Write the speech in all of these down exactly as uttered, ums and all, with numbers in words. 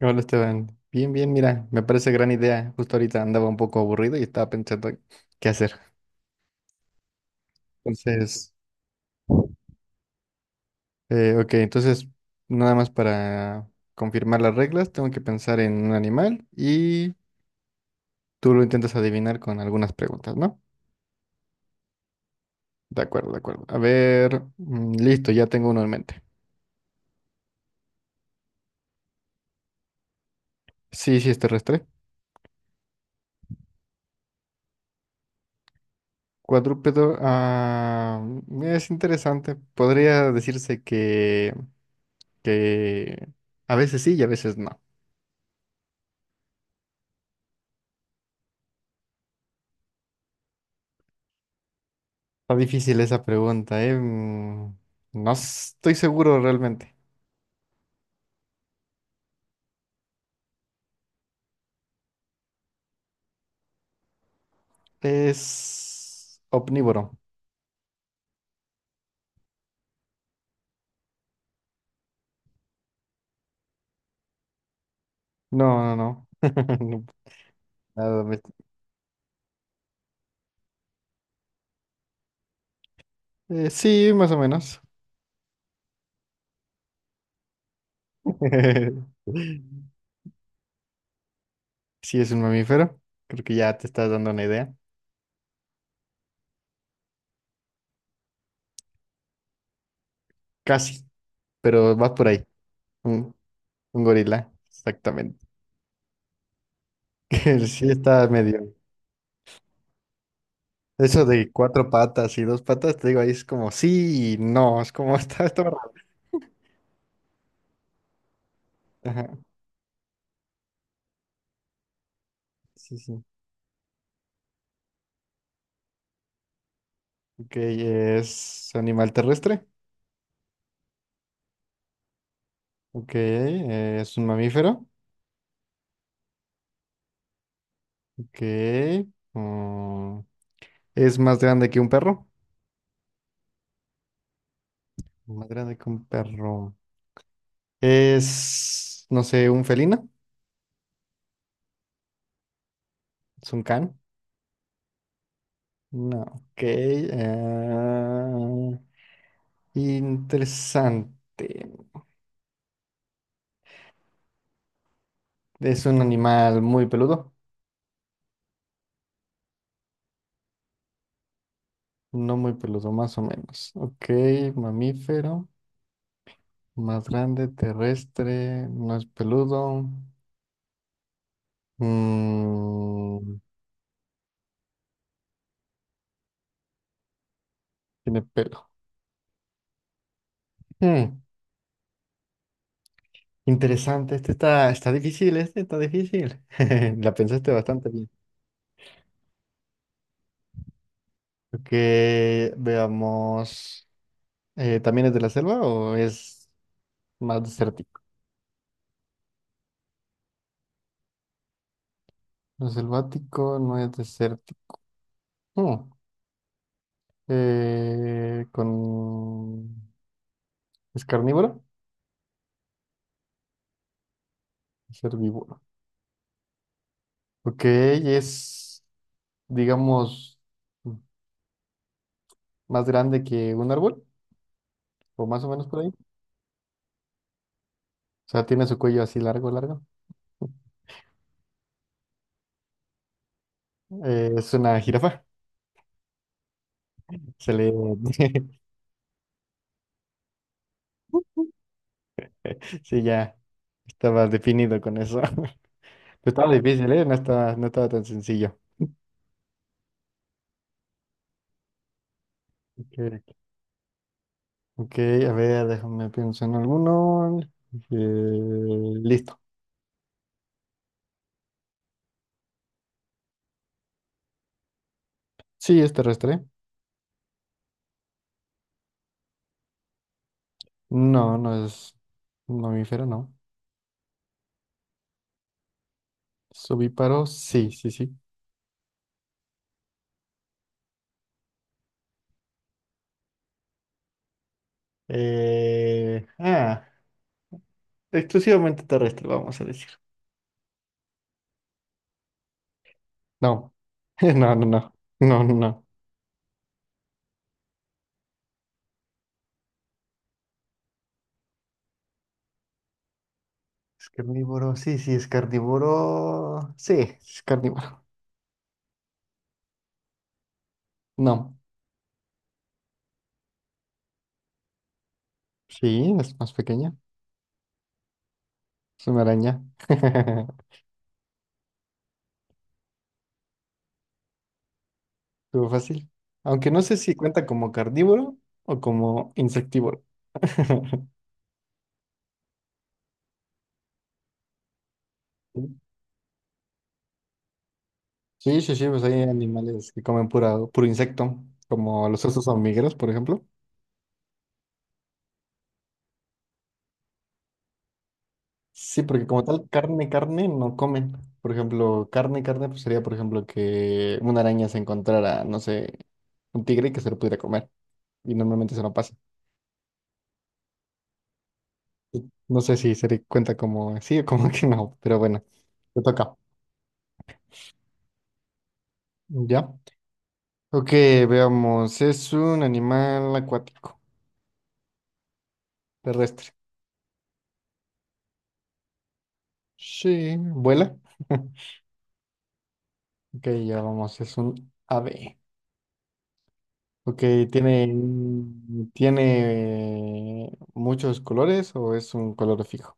Hola Esteban, bien, bien, mira, me parece gran idea. Justo ahorita andaba un poco aburrido y estaba pensando qué hacer. Entonces, eh, ok, entonces nada más para confirmar las reglas, tengo que pensar en un animal y tú lo intentas adivinar con algunas preguntas, ¿no? De acuerdo, de acuerdo. A ver, mm, listo, ya tengo uno en mente. Sí, sí, es terrestre. Cuadrúpedo, ah, es interesante. Podría decirse que, que a veces sí y a veces no. Está difícil esa pregunta, ¿eh? Mm, No estoy seguro realmente. Es omnívoro. No, no, no. No, nada me- eh, sí, más o menos. Sí, es un mamífero. Creo que ya te estás dando una idea. Casi, pero vas por ahí. Un, un gorila, exactamente. Sí, está medio. Eso de cuatro patas y dos patas, te digo, ahí es como sí y no. Es como está, está raro. Ajá, sí, sí. Ok, es animal terrestre. Ok, eh, es un mamífero. Ok. mm, es más grande que un perro. Más grande que un perro. Es, no sé, un felino. Es un can. No, ok. eh, interesante. Es un animal muy peludo. No muy peludo, más o menos. Ok, mamífero. Más grande, terrestre. No es peludo. Mm, tiene pelo. Mm, interesante. Este está, está difícil, este está difícil. La pensaste bastante bien. Que veamos. Eh, ¿también es de la selva o es más desértico? No es selvático, no es desértico. Mm, eh, con... ¿Es carnívoro? Es herbívoro. Ok, es, digamos, más grande que un árbol, o más o menos por ahí. O sea, tiene su cuello así largo, largo. Eh, es una jirafa. Se le... Sí, ya estaba definido con eso. Pero estaba difícil, ¿eh? No estaba, no estaba tan sencillo. Ok, ok, a ver, déjame pienso en alguno. Eh, listo. Sí, es terrestre. No, no es mamífero, no. ¿Es ovíparo? Sí, sí, sí. Eh, ah, exclusivamente terrestre, vamos a decir. No, no, no, no. No, no, no. Es carnívoro, sí, sí, es carnívoro. Sí, es carnívoro. No, sí, es más pequeña. Es una araña. Estuvo fácil. Aunque no sé si cuenta como carnívoro o como insectívoro. Sí, sí, sí, pues hay animales que comen pura, puro insecto, como los osos hormigueros, por ejemplo. Sí, porque como tal, carne, carne no comen. Por ejemplo, carne, carne, pues sería, por ejemplo, que una araña se encontrara, no sé, un tigre y que se lo pudiera comer. Y normalmente se lo pasa. No sé si se le cuenta como sí o como que no, pero bueno, te toca. ¿Ya? Ok, veamos. Es un animal acuático, terrestre. Sí, vuela. Ok, ya vamos. Es un ave. Ok, ¿tiene, ¿tiene muchos colores o es un color fijo?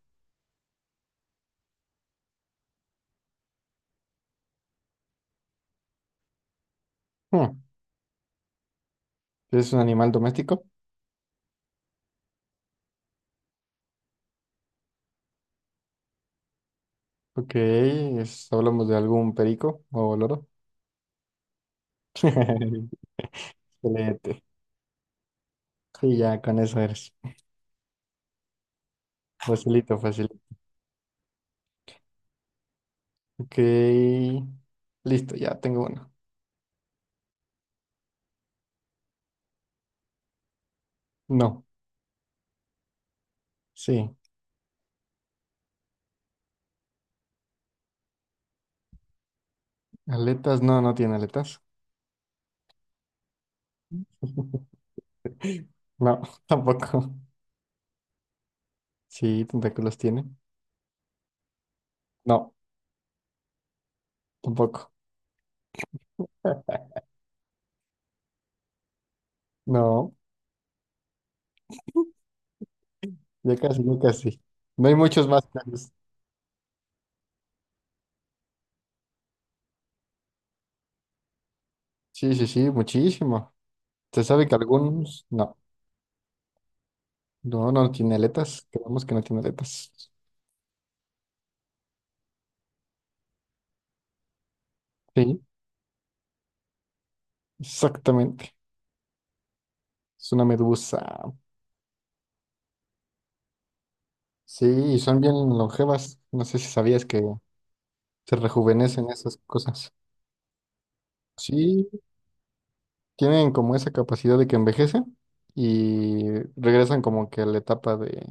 Hmm, ¿Es un animal doméstico? Ok, es- hablamos de algún perico o loro. Excelente. Sí, ya con eso eres. Facilito, facilito. Ok, listo, ya tengo uno. No, sí. Aletas, no, no tiene aletas. No, tampoco. Sí, tentáculos tiene. No, tampoco. No, ya casi, ya casi. No hay muchos más casos. Sí, sí, sí, muchísimo. Se sabe que algunos, no, no, no tiene aletas. Creemos que no tiene aletas. Sí, exactamente. Es una medusa. Sí, y son bien longevas. No sé si sabías que se rejuvenecen esas cosas. Sí, tienen como esa capacidad de que envejecen y regresan como que a la etapa de,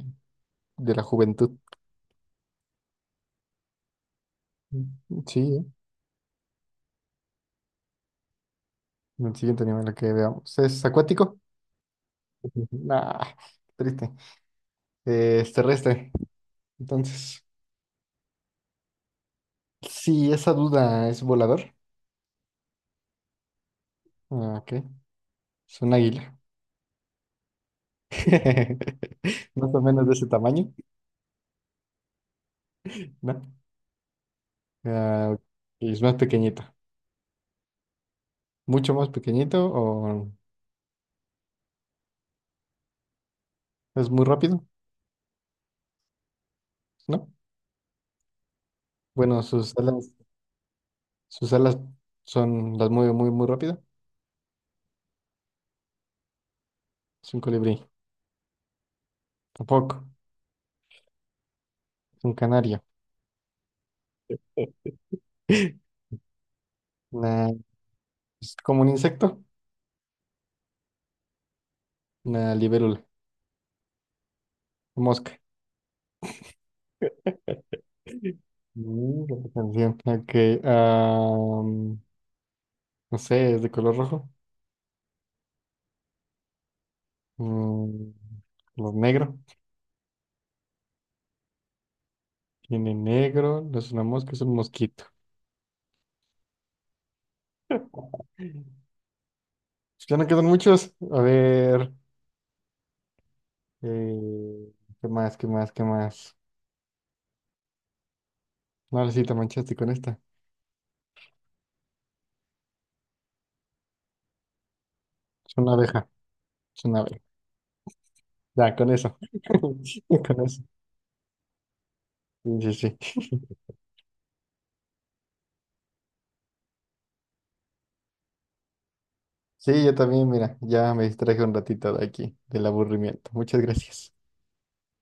de la juventud. Sí, ¿eh? En el siguiente nivel que veamos. ¿Es acuático? Nah, triste. Eh, es terrestre. Entonces, si esa duda es volador, ah, ok, es un águila. Más o menos de ese tamaño, ¿no? Ah, y es más pequeñito. ¿Mucho más pequeñito o es muy rápido, no? Bueno, sus alas Sus alas son, las mueve muy, muy rápido. Es un colibrí. Tampoco. Es un canario. Una, es como un insecto. Una libélula. Mosca. Mm, qué canción. Ok. am, no sé, es de color rojo. Mm, color negro. Tiene negro. No es una mosca, es un mosquito. Ya no quedan muchos. A ver. eh, ¿qué más? ¿Qué más? ¿Qué más? No, ahora sí te manchaste con esta. Es una abeja. Es una abeja. Ya, con eso. Con eso. Sí, sí, sí. Sí, yo también, mira, ya me distraje un ratito de aquí, del aburrimiento. Muchas gracias.